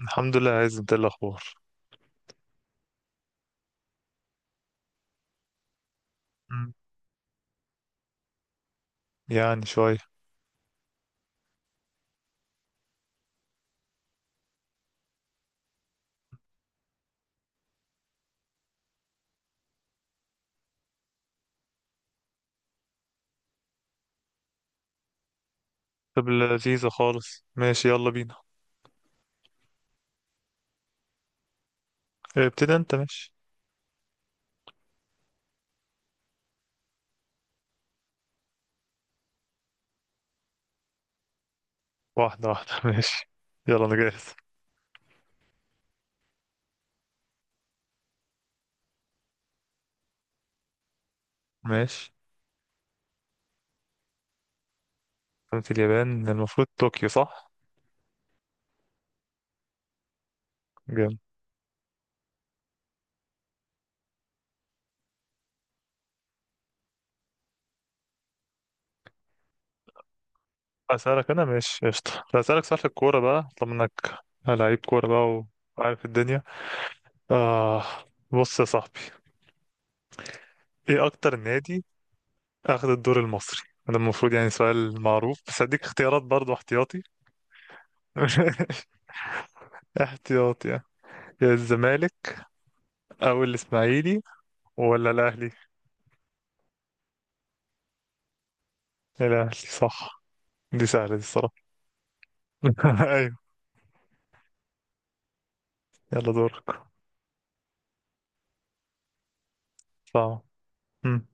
الحمد لله، عايز انت إيه الاخبار؟ مم. يعني شويه. طب لذيذه خالص، ماشي يلا بينا. اه، ابتدي انت ماشي. واحده واحده ماشي. يلا انا جاهز. ماشي، قلت اليابان المفروض طوكيو صح. جامد. اسالك انا ماشي قشطه، طب اسالك سؤال في الكوره بقى طالما انك لعيب كوره بقى وعارف الدنيا. آه. بص يا صاحبي، ايه اكتر نادي اخذ الدور المصري؟ ده المفروض يعني سؤال معروف، بس هديك اختيارات برضو احتياطي. احتياطي يعني. يا الزمالك او الاسماعيلي ولا الاهلي. الاهلي صح. دي سهله دي الصراحه. ايوه. يلا دورك. صعب. مم.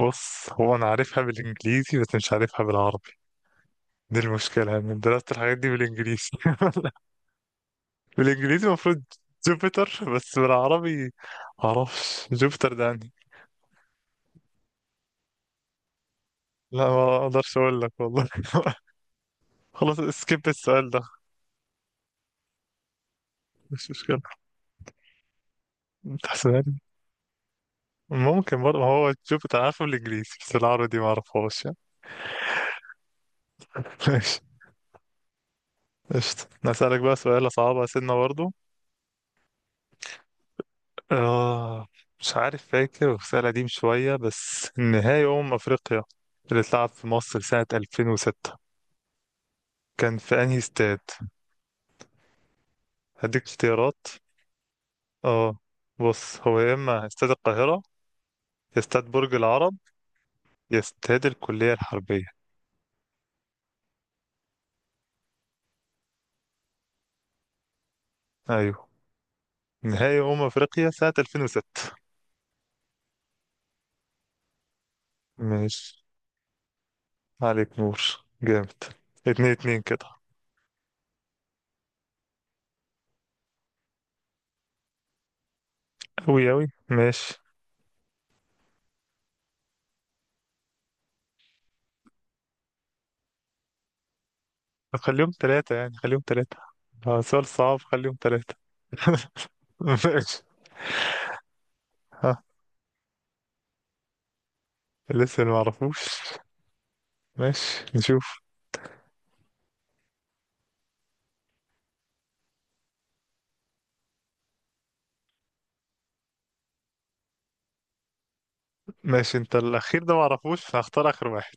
بص هو انا عارفها بالانجليزي بس مش عارفها بالعربي. دي المشكله يعني، من درست الحاجات دي بالانجليزي. بالانجليزي المفروض جوبيتر، بس بالعربي معرفش جوبيتر ده يعني. لا ما اقدرش اقول لك والله. خلاص سكيب السؤال ده، مش مشكله. تحسبها لي. ممكن برضه، ما هو جوبيتر عارفه بالانجليزي بس العربي دي ما اعرفهاش يعني. ماشي. قشطة نسألك بقى سؤال صعبة سنة برضه. آه. مش عارف فاكر، بس سؤال قديم شوية. بس نهائي أمم أفريقيا اللي اتلعب في مصر سنة 2006، كان في أنهي استاد؟ هديك اختيارات، اه. بص هو يا إما استاد القاهرة، يا استاد برج العرب، يا استاد الكلية الحربية. أيوه، نهائي أمم أفريقيا سنة 2006. ماشي، عليك نور. جامد. اتنين اتنين كده. أوي أوي ماشي. طب خليهم ثلاثة يعني، خليهم ثلاثة. اه سؤال صعب، خليهم ثلاثة. ماشي. ها. لسه ما اعرفوش. ماشي نشوف. ماشي، انت الاخير ده ما اعرفوش فهختار اخر واحد.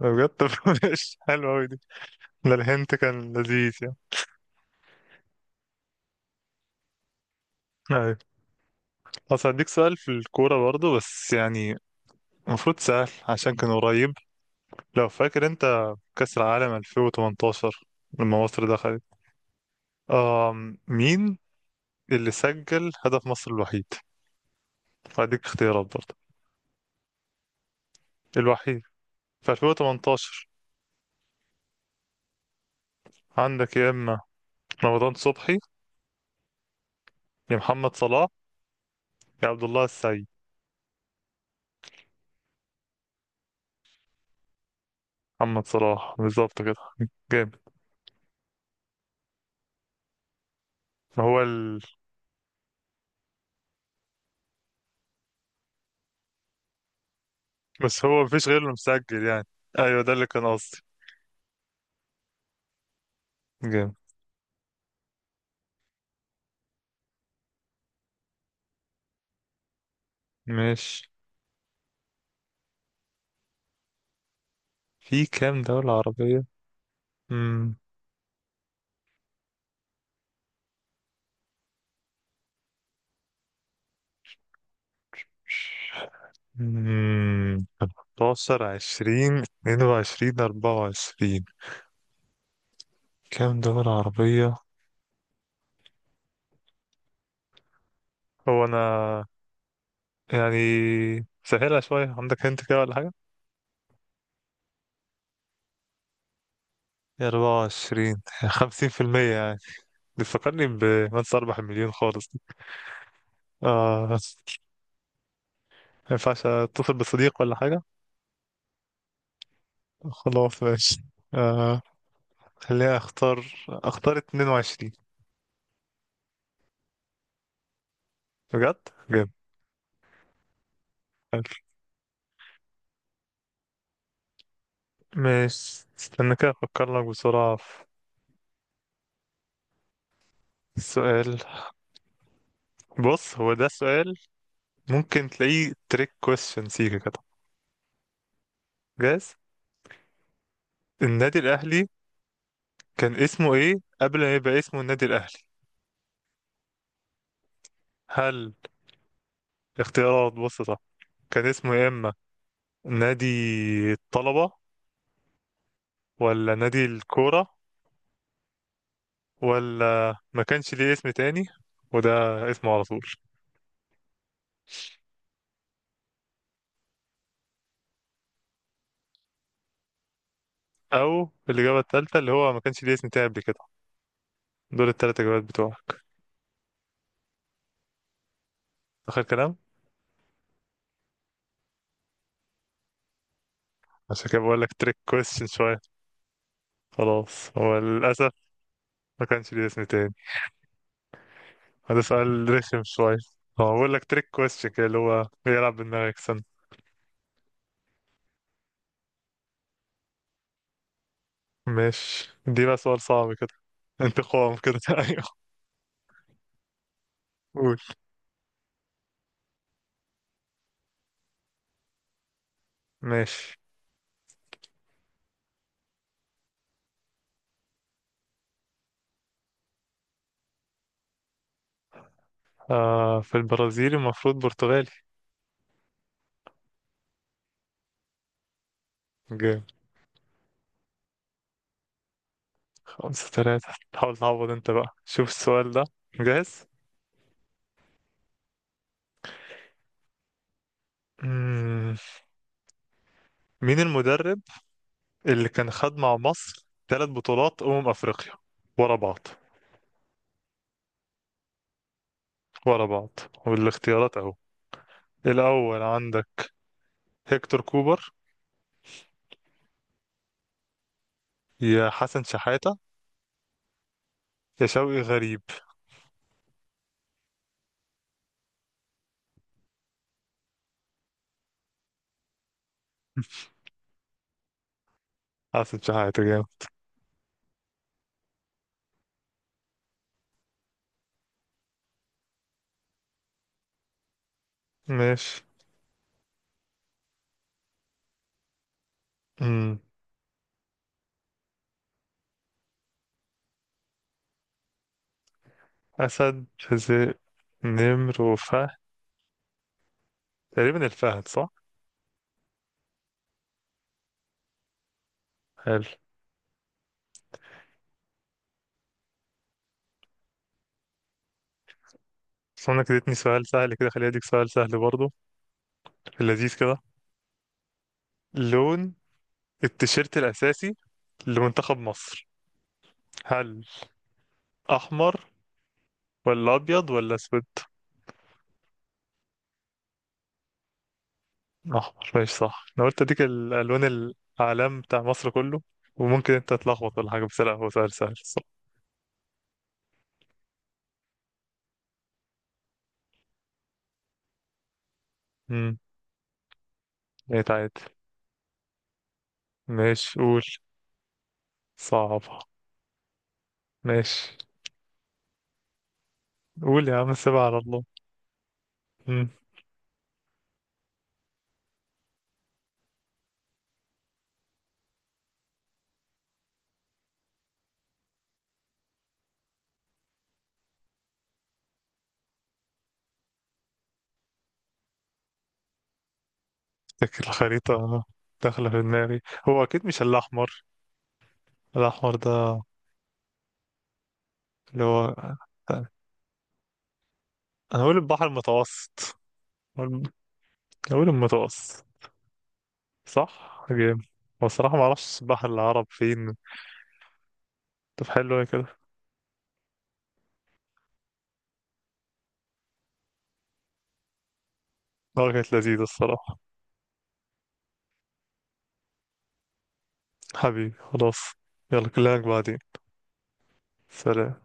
بجد، طب ماشي، حلوة اوي دي. ده الهنت كان لذيذ يعني. ايوه. اصل هديك سؤال في الكورة برضو، بس يعني المفروض سهل عشان كان قريب. لو فاكر انت كأس العالم 2018 لما مصر دخلت، مين اللي سجل هدف مصر الوحيد؟ هديك اختيارات برضه. الوحيد في 2018. عندك يا اما رمضان صبحي، يا محمد صلاح، يا عبد الله السعيد. محمد صلاح بالظبط كده. جامد. هو ال... بس هو مفيش غيره اللي مسجل يعني. ايوه ده اللي كان قصدي. جامد. ماشي، في كام دولة عربية؟ امم 15 20 22 24. كام دولة عربية؟ هو أنا يعني سهلها شوية، عندك هنت كده ولا حاجة؟ 24 50%. بيفكرني بمنسى أربح المليون خالص دي. آه، ما ينفعش أتصل بصديق ولا حاجة. خلاص ماشي. آه، خليني أختار 22. بجد جامد. حلو. ماشي استنى كده، أفكر لك بسرعة في السؤال. بص هو ده سؤال ممكن تلاقيه تريك كويستشن سيكا كده. جاهز. النادي الأهلي كان اسمه إيه قبل ما يبقى اسمه النادي الأهلي؟ هل اختيارات، بص صح. كان اسمه يا إما نادي الطلبة، ولا نادي الكورة، ولا ما كانش ليه اسم تاني وده اسمه على طول. أو الإجابة التالتة اللي هو ما كانش ليه اسم تاني قبل كده. دول التلات إجابات بتوعك. آخر كلام. عشان كده بقول لك تريك كويستشن شوية. خلاص، هو للأسف ما كانش ليه اسم تاني. هذا سؤال رخم شوية. هو بقول لك تريك كويستشن كده اللي هو بيلعب بدماغك سن. ماشي، دي بقى سؤال صعب كده. انتقام كده. ايوه. قول ماشي. آه، في البرازيل المفروض برتغالي. جامد. خمسة ثلاثة. حاول تعوض انت بقى، شوف السؤال ده. جاهز. مم. مين المدرب اللي كان خد مع مصر ثلاث بطولات أمم أفريقيا ورا بعض، ورا بعض. والاختيارات أهو. الأول عندك هيكتور كوبر، يا حسن شحاتة، يا شوقي غريب. حسن شحاتة، جامد. ماشي. مم. أسد حزق، نمر وفهد. تقريبا الفهد، صح؟ حلو. بس انا كده اديتني سؤال سهل، كده خليني اديك سؤال سهل برضه في اللذيذ كده. لون التيشيرت الأساسي لمنتخب مصر، هل أحمر ولا أبيض ولا أسود؟ أحمر، ماشي صح. أنا قلت أديك الألوان، الأعلام بتاع مصر كله، وممكن أنت تتلخبط ولا حاجة، بس لا هو سؤال سهل صح. امم بقيت عادي. ماشي قول. صعبة، ماشي. قول يا عم، سيبها على الله. امم فاكر الخريطة داخلة في دماغي. هو أكيد مش الأحمر، الأحمر ده اللي هو. أنا أقول البحر المتوسط. أقول أقول المتوسط. صح جيم. هو الصراحة ما اعرفش السباحة العرب فين. طب حلو أوي كده. اه، كانت لذيذة الصراحة. حبيبي خلاص، يلا كلامك بعدين. سلام.